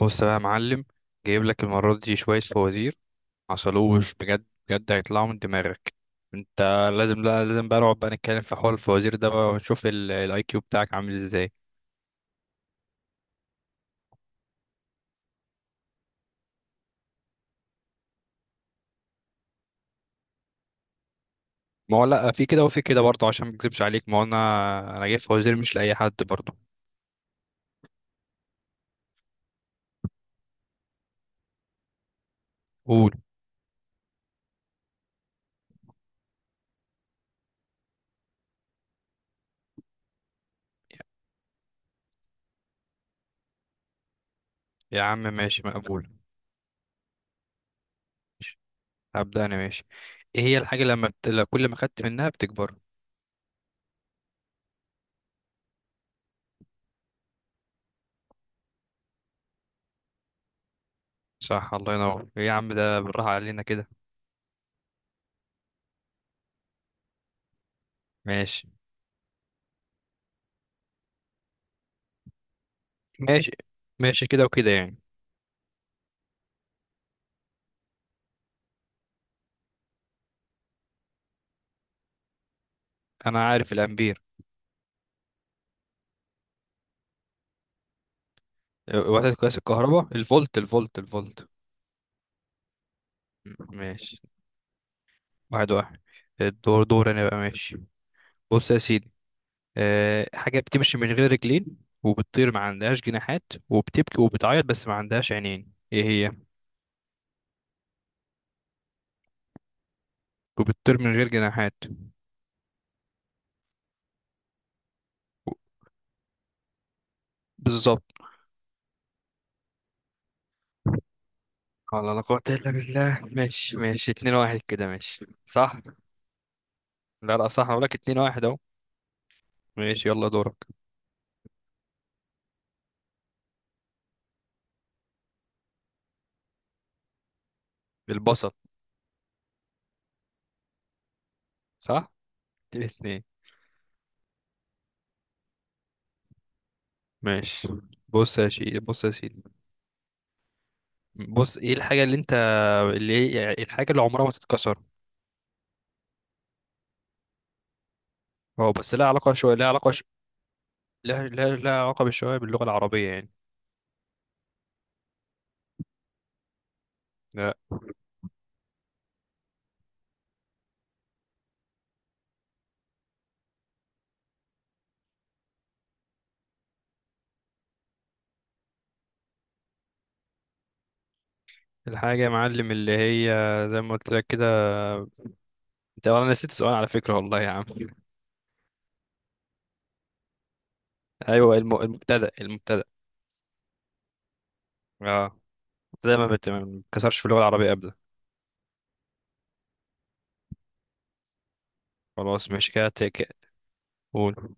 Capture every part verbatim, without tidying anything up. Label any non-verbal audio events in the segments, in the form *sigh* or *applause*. بص بقى يا معلم، جايب لك المرة دي شوية فوازير عسلوش، بجد بجد هيطلعوا من دماغك انت. لازم، لا لازم بقى نقعد بقى نتكلم في حوار الفوازير ده بقى، ونشوف الاي كيو بتاعك عامل ازاي. ما هو لا في كده وفي كده برضه، عشان ما اكذبش عليك، ما هو انا انا جايب فوازير مش لأي حد برضه. قول. يا عم ماشي مقبول. ماشي. هبدأ انا ماشي. ايه هي الحاجة لما بت... لا، كل ما خدت منها بتكبر؟ صح، الله ينور. ايه يا عم ده، بالراحة علينا كده. ماشي. ماشي ماشي كده وكده يعني. انا عارف الامبير. وحدة قياس الكهرباء الفولت، الفولت الفولت. م- ماشي. واحد واحد. الدور دور انا بقى، ماشي. بص يا سيدي، أه، حاجة بتمشي من غير رجلين وبتطير ما عندهاش جناحات، وبتبكي وبتعيط بس ما عندهاش عينين، ايه هي؟ وبتطير من غير جناحات. و- بالظبط. والله لا قوة إلا بالله. ماشي ماشي، اتنين واحد كده، ماشي صح. لا لا صح، أنا بقولك اتنين واحد أهو. ماشي يلا دورك. البصل. صح. اتنين اتنين. ماشي. بص يا شيخ، بص يا سيدي، بص، ايه الحاجة اللي انت، اللي هي يعني الحاجة اللي عمرها ما تتكسر؟ هو بس لها علاقة شوية، لها علاقة ش... لها لها لها علاقة بالشوية باللغة العربية يعني. لا. الحاجة يا معلم اللي هي، زي ما قلت لك كده، انت انا نسيت السؤال على فكرة والله يا عم. ايوه الم... المبتدأ المبتدأ. اه، المبتدأ ما بت- ما بتتكسرش في اللغة العربية ابدا. خلاص ماشي كده تك. قول.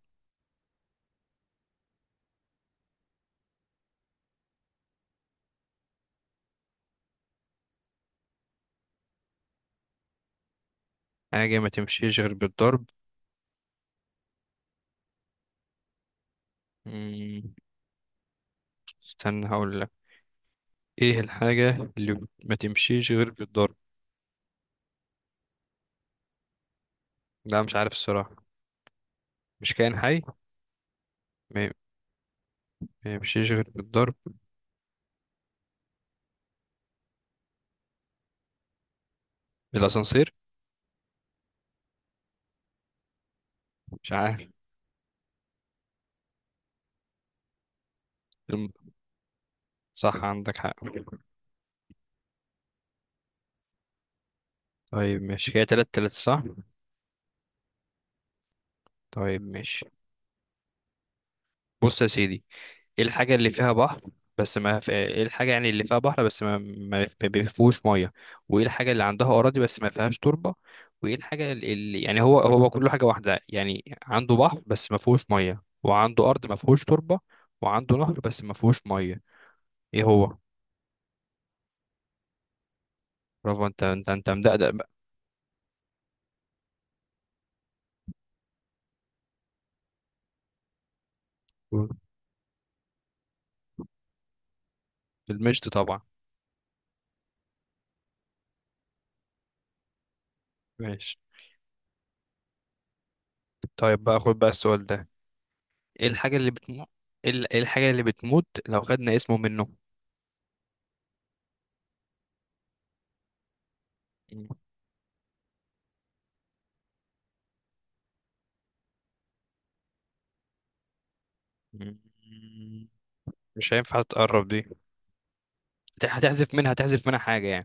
حاجة ما تمشيش غير بالضرب. مم، استنى هقول لك. ايه الحاجة اللي ما تمشيش غير بالضرب؟ لا مش عارف الصراحة. مش كائن حي. ما يمشيش غير بالضرب. بالاسانسير. مش عارف. الم- صح عندك حق. طيب ماشي، هي تلات تلاتة صح. طيب ماشي. بص يا سيدي، ايه الحاجة اللي فيها بحر بس ما في... ايه الحاجة يعني اللي فيها بحر بس ما ما ما بيفيهوش مية؟ وايه الحاجة اللي عندها أراضي بس ما فيهاش تربة؟ وايه الحاجة اللي يعني، هو هو كله حاجة واحدة يعني، عنده بحر بس ما فيهوش مية، وعنده أرض ما فيهوش تربة، وعنده نهر بس ما فيهوش مية. ايه هو؟ برافو، انت انت انت مدقدق بقى. بالمشط طبعا. ماشي. طيب بقى خد بقى السؤال ده، ايه الحاجة اللي بتموت، ايه ال- إيه الحاجة اللي بتموت لو خدنا اسمه منه؟ *laughs* مم. مش هينفع تقرب دي. هت- هتحذف منها، هتحذف منها حاجة يعني.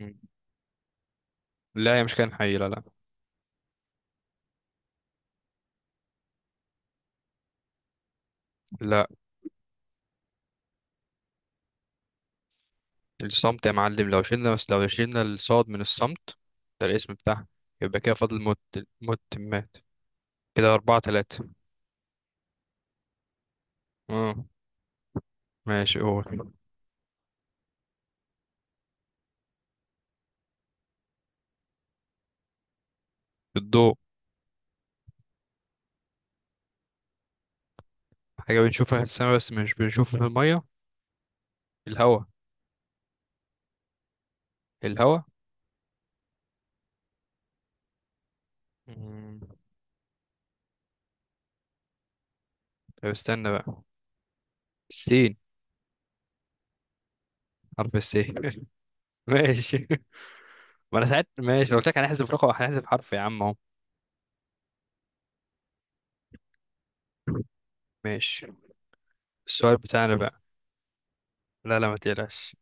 مم. لا هي مش كائن حي، لا لا. لا. الصمت يا معلم، لو شلنا، بس لو شلنا الصاد من الصمت، ده الاسم بتاعها، يبقى كده فاضل موت. موت، مات. كده أربعة تلاتة. اه ماشي، قول. الضوء. حاجة بنشوفها في السماء بس مش بنشوفها في المية. الهواء. الهواء. مم. طب استنى بقى، السين. حرف الس *laughs* ماشي. ما انا ساعات ماشي، لو قلت لك هنحذف رقم، هنحذف حرف يا عم اهو. ماشي. السؤال بتاعنا بقى. لا لا ما تقلقش.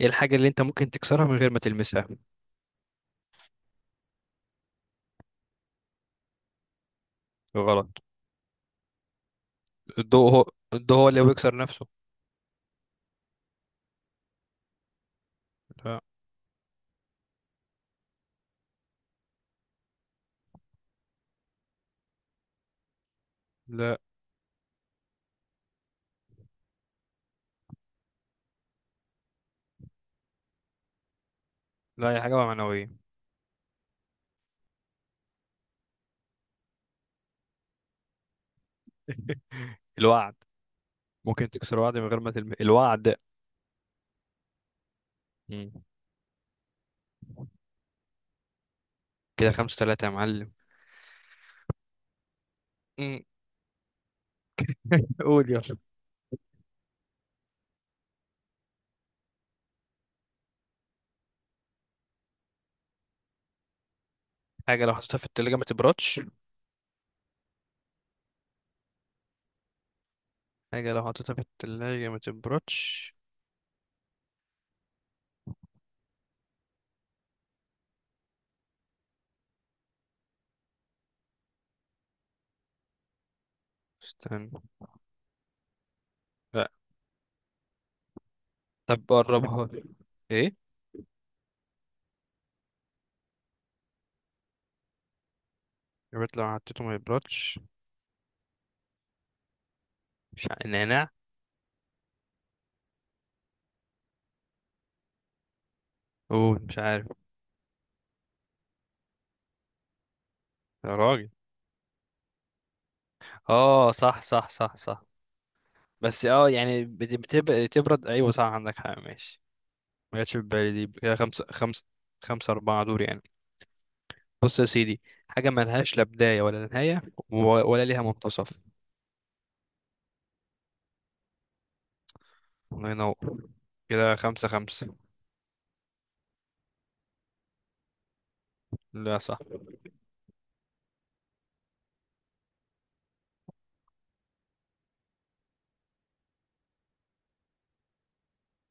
ايه الحاجة اللي انت ممكن تكسرها من غير ما تلمسها؟ غلط. الضوء هو، الضوء هو اللي بيكسر نفسه. لا. لا، لا هي حاجة معنوية. *laughs* الوعد. ممكن تكسر وعد من غير ما تلمس الوعد. مم. كده خمسة ثلاثة يا معلم. مم. قول يلا. حاجة لو حطيتها في التلاجة ما تبردش. حاجة لو حطيتها في التلاجة ما تبردش. استنى. لا. طب قربها لي. ايه؟ البيض لو حطيته ما يبردش. مش ع... نعناع. اوه مش عارف. يا راجل. اه صح، صح صح صح. بس اه يعني بت- بتبقى تبرد، ايوه صح عندك حق، ماشي. ما جاتش في بالي دي. كده خمسة خمسة. خمسة أربعة دور يعني. بص يا سيدي، حاجة ملهاش لا بداية ولا نهاية، و- ولا ليها منتصف. الله ينور. كده خمسة خمسة. لا صح.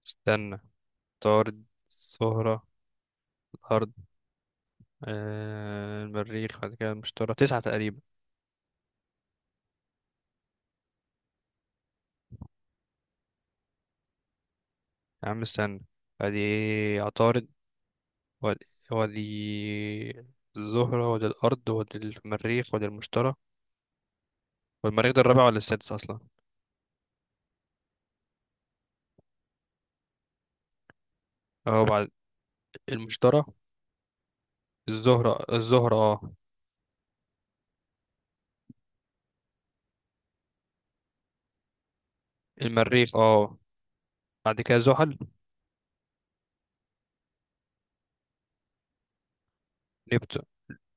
استنى. طارد. الزهرة. الأرض. آه، المريخ، بعد كده المشتري. تسعة تقريبا. يا عم استنى. ادي عطارد، ودي، ودي الزهرة، ودي الأرض، ودي المريخ، ودي المشتري. والمريخ ده الرابع ولا السادس أصلا؟ أهو بعد. المشتري. الزهرة، الزهرة اه. المريخ اه. بعد كده زحل. نبت،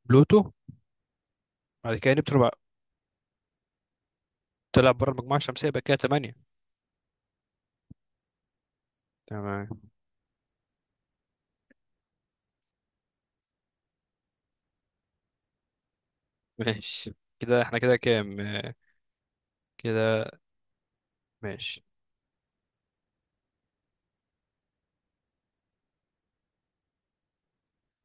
بلوتو. بعد كده نبتون بقى. طلع بره المجموعة الشمسية، يبقى كده تمانية. تمام. ماشي. كده احنا كده كام آه. كده ماشي.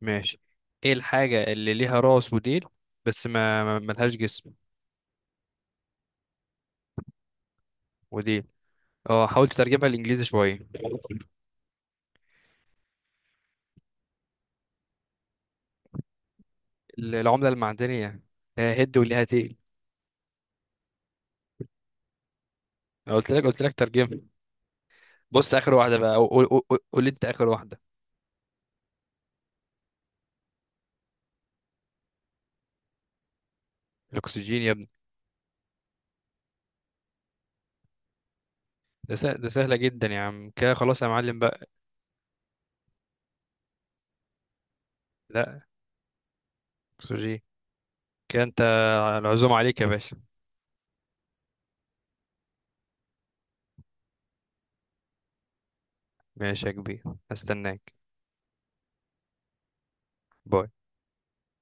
ماشي. ايه الحاجة اللي ليها راس وديل بس ما ما- ملهاش جسم؟ وديل. اه حاول تترجمها للإنجليزي شوية. العملة المعدنية. آه، هد وليها تقل. أنا قلت لك، قلت لك ترجمة. بص آخر واحدة بقى، قول قول قول- قول لي أنت آخر واحدة. الأكسجين يا ابني. ده سه- ده سهلة جدا يا عم، كده خلاص يا معلم بقى. لا. أكسجين. كده أنت. العزومة عليك يا باشا. ماشي يا كبير، هستناك. باي.